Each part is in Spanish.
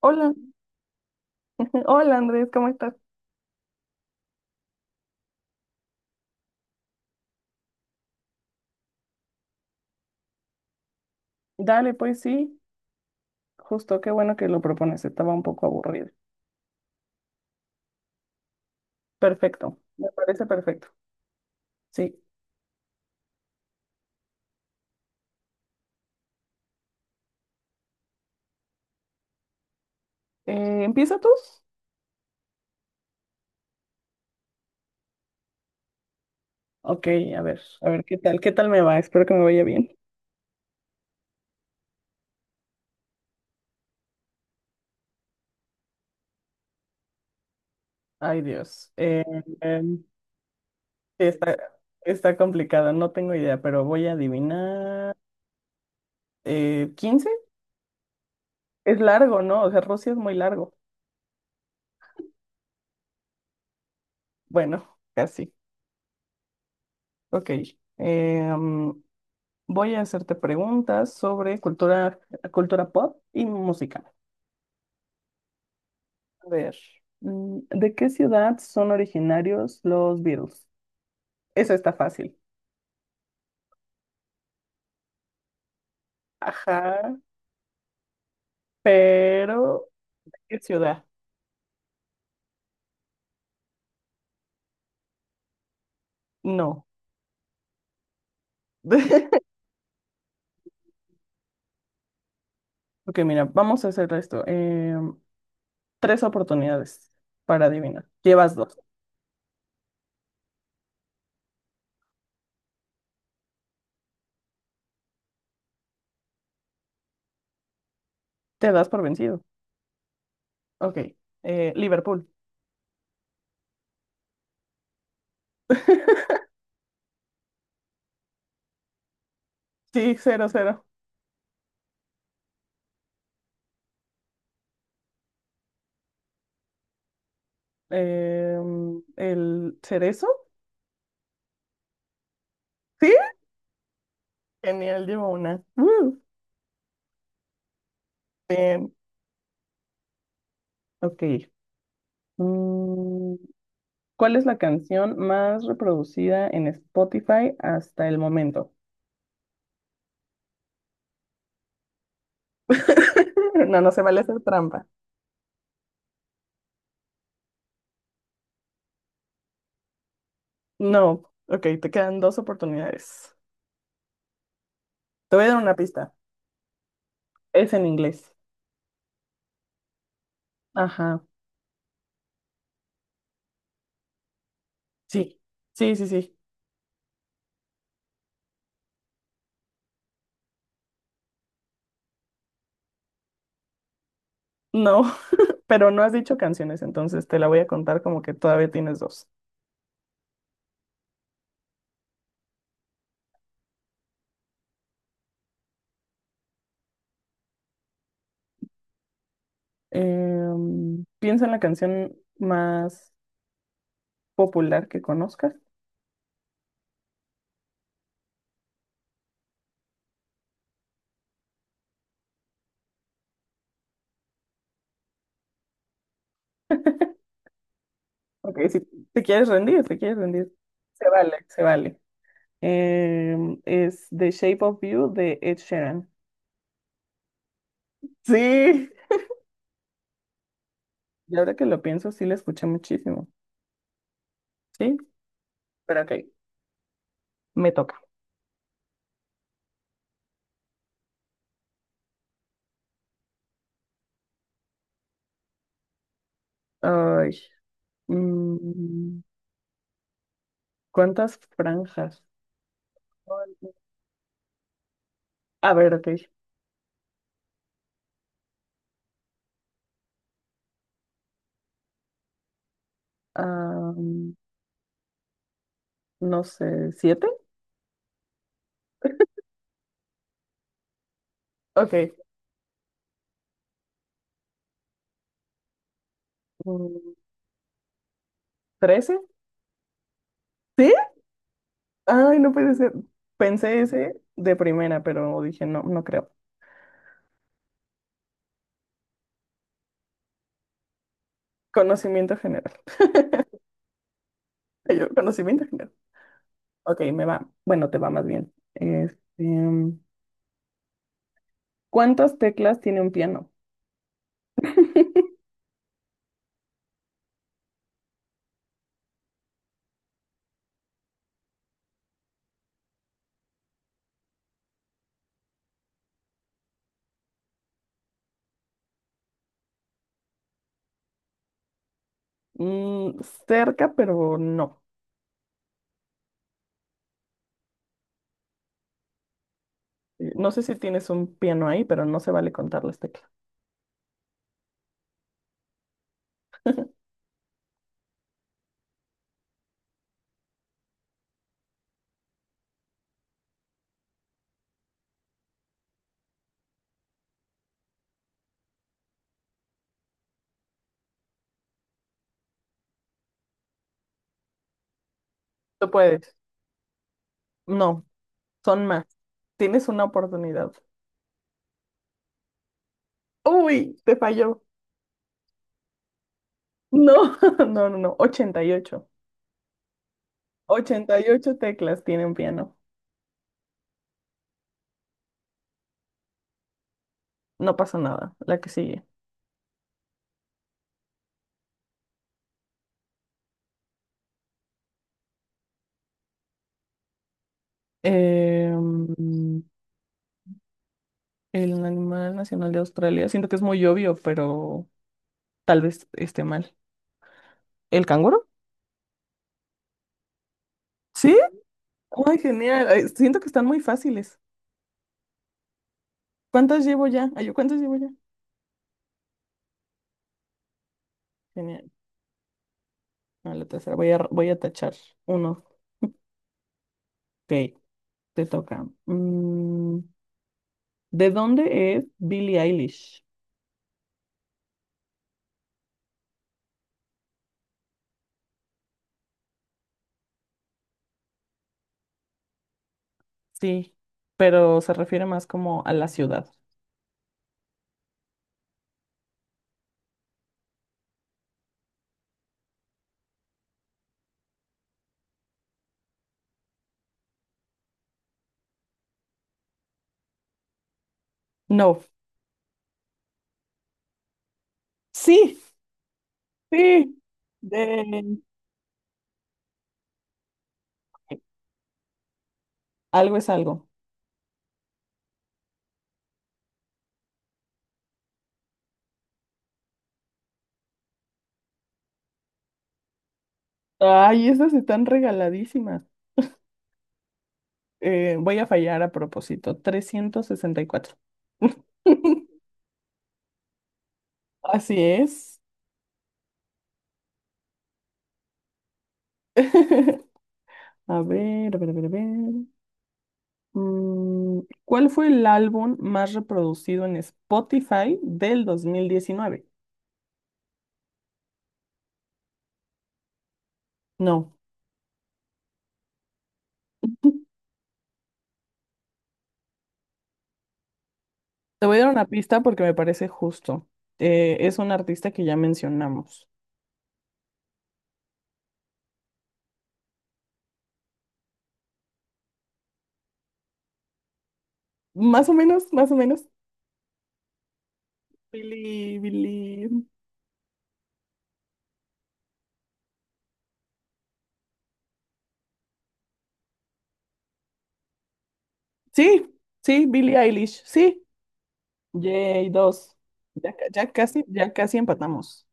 Hola, hola Andrés, ¿cómo estás? Dale, pues sí, justo qué bueno que lo propones, estaba un poco aburrido. Perfecto, me parece perfecto. Sí. ¿Empieza tú? Ok, a ver, ¿qué tal? ¿Qué tal me va? Espero que me vaya bien. Ay, Dios, sí, está, está complicado, no tengo idea, pero voy a adivinar. ¿15? Es largo, ¿no? O sea, Rusia es muy largo. Bueno, casi. Ok, em, voy a hacerte preguntas sobre cultura, cultura pop y música. A ver, ¿de qué ciudad son originarios los Beatles? Eso está fácil. Ajá, pero ¿qué ciudad? No. Ok, mira, vamos a hacer esto. Tres oportunidades para adivinar. Llevas dos. Te das por vencido. Ok, Liverpool. Sí, cero, cero. ¿El cerezo? Sí. Genial, llevo una. Bien. Ok. Mm, ¿Cuál es la canción más reproducida en Spotify hasta el momento? No, no se vale hacer trampa. No. Ok, te quedan dos oportunidades. Te voy a dar una pista. Es en inglés. Ajá. Sí. Sí, sí, sí. No, pero no has dicho canciones, entonces te la voy a contar como que todavía tienes dos. Piensa en la canción más popular que conozcas. Ok, si te quieres rendir, te quieres rendir. Se vale, se vale. Es The Shape of You de Ed Sheeran. Sí, y ahora que lo pienso, sí la escuché muchísimo. Sí, pero ok, me toca. Ay, mm, ¿cuántas franjas? A ver, ok. am, no sé, ¿siete? Ok. mm, ¿Trece? ¿Sí? Ay, no puede ser. Pensé ese de primera, pero dije, no, no creo. Conocimiento general. Ay, yo, conocimiento general. Ok, me va. Bueno, te va más bien. Este, ¿cuántas teclas tiene un piano? Mm, cerca, pero no. No sé si tienes un piano ahí, pero no se vale contar las teclas. Tú puedes. No, son más. Tienes una oportunidad. Uy, te falló. No, no, no, no. 88, 88 teclas tiene un piano. No pasa nada. La que sigue. Eh, mm, el animal nacional de Australia. Siento que es muy obvio, pero tal vez esté mal. ¿El canguro? Sí. Ay, genial. Ay, siento que están muy fáciles. ¿Cuántas llevo ya? Ay, yo, ¿cuántas llevo ya? Genial. No, la tercera. Voy a tachar uno. Ok, te toca. ¿De dónde es Billie Eilish? Sí, pero se refiere más como a la ciudad. No. Sí, sí. De... Algo es algo. Ay, esas están regaladísimas. Voy a fallar a propósito. 364. Así es. A ver, a ver, a ver, a ver. Mm, ¿Cuál fue el álbum más reproducido en Spotify del 2019? No. Te voy a dar una pista porque me parece justo. Es un artista que ya mencionamos. Más o menos, más o menos. Billie, Billie. Sí, sí, Billie Eilish. Sí, yay, dos. Ya casi empatamos.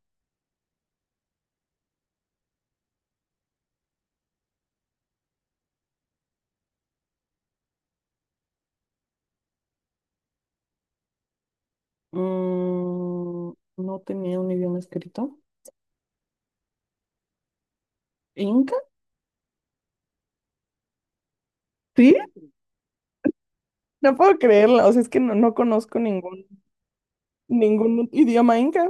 Mm, no tenía un idioma escrito. ¿Inca? Sí, no puedo creerlo. O sea, es que no conozco ningún, ningún idioma inca.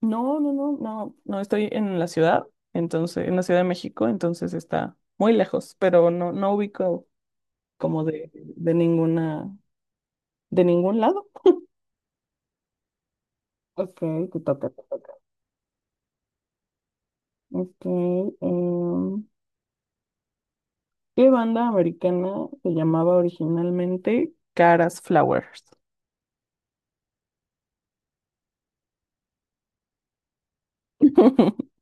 No, no, no, no, no estoy en la ciudad, entonces, en la Ciudad de México, entonces está muy lejos, pero no, no ubico como de ninguna, de ningún lado. Ok, te toca, te toca. Ok, em, ¿qué banda americana se llamaba originalmente Caras Flowers?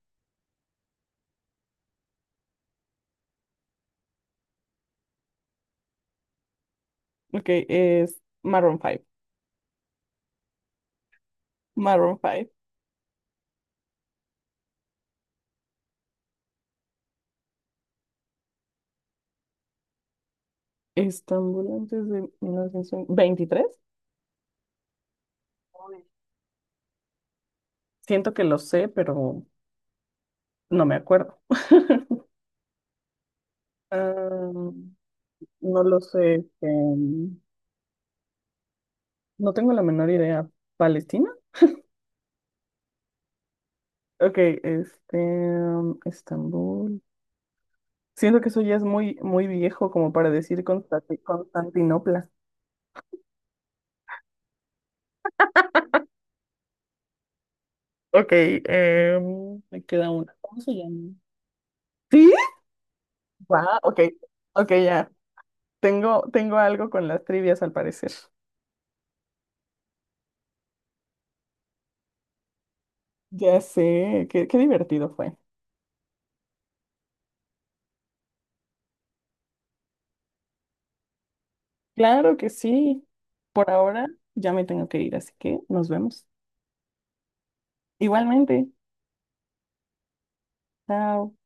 Ok, es Maroon 5. Maroon 5. Estambul antes de 1923. Siento que lo sé, pero no me acuerdo. Ah, no lo sé. Este, no tengo la menor idea. ¿Palestina? Ok, este, Estambul. Siento que eso ya es muy, muy viejo como para decir Constantinopla. Ok, em, me queda una. ¿Cómo se llama? ¿Sí? Va, ok, ok, ya. Tengo, tengo algo con las trivias al parecer. Ya sé, qué, qué divertido fue. Claro que sí. Por ahora ya me tengo que ir, así que nos vemos. Igualmente. Chao.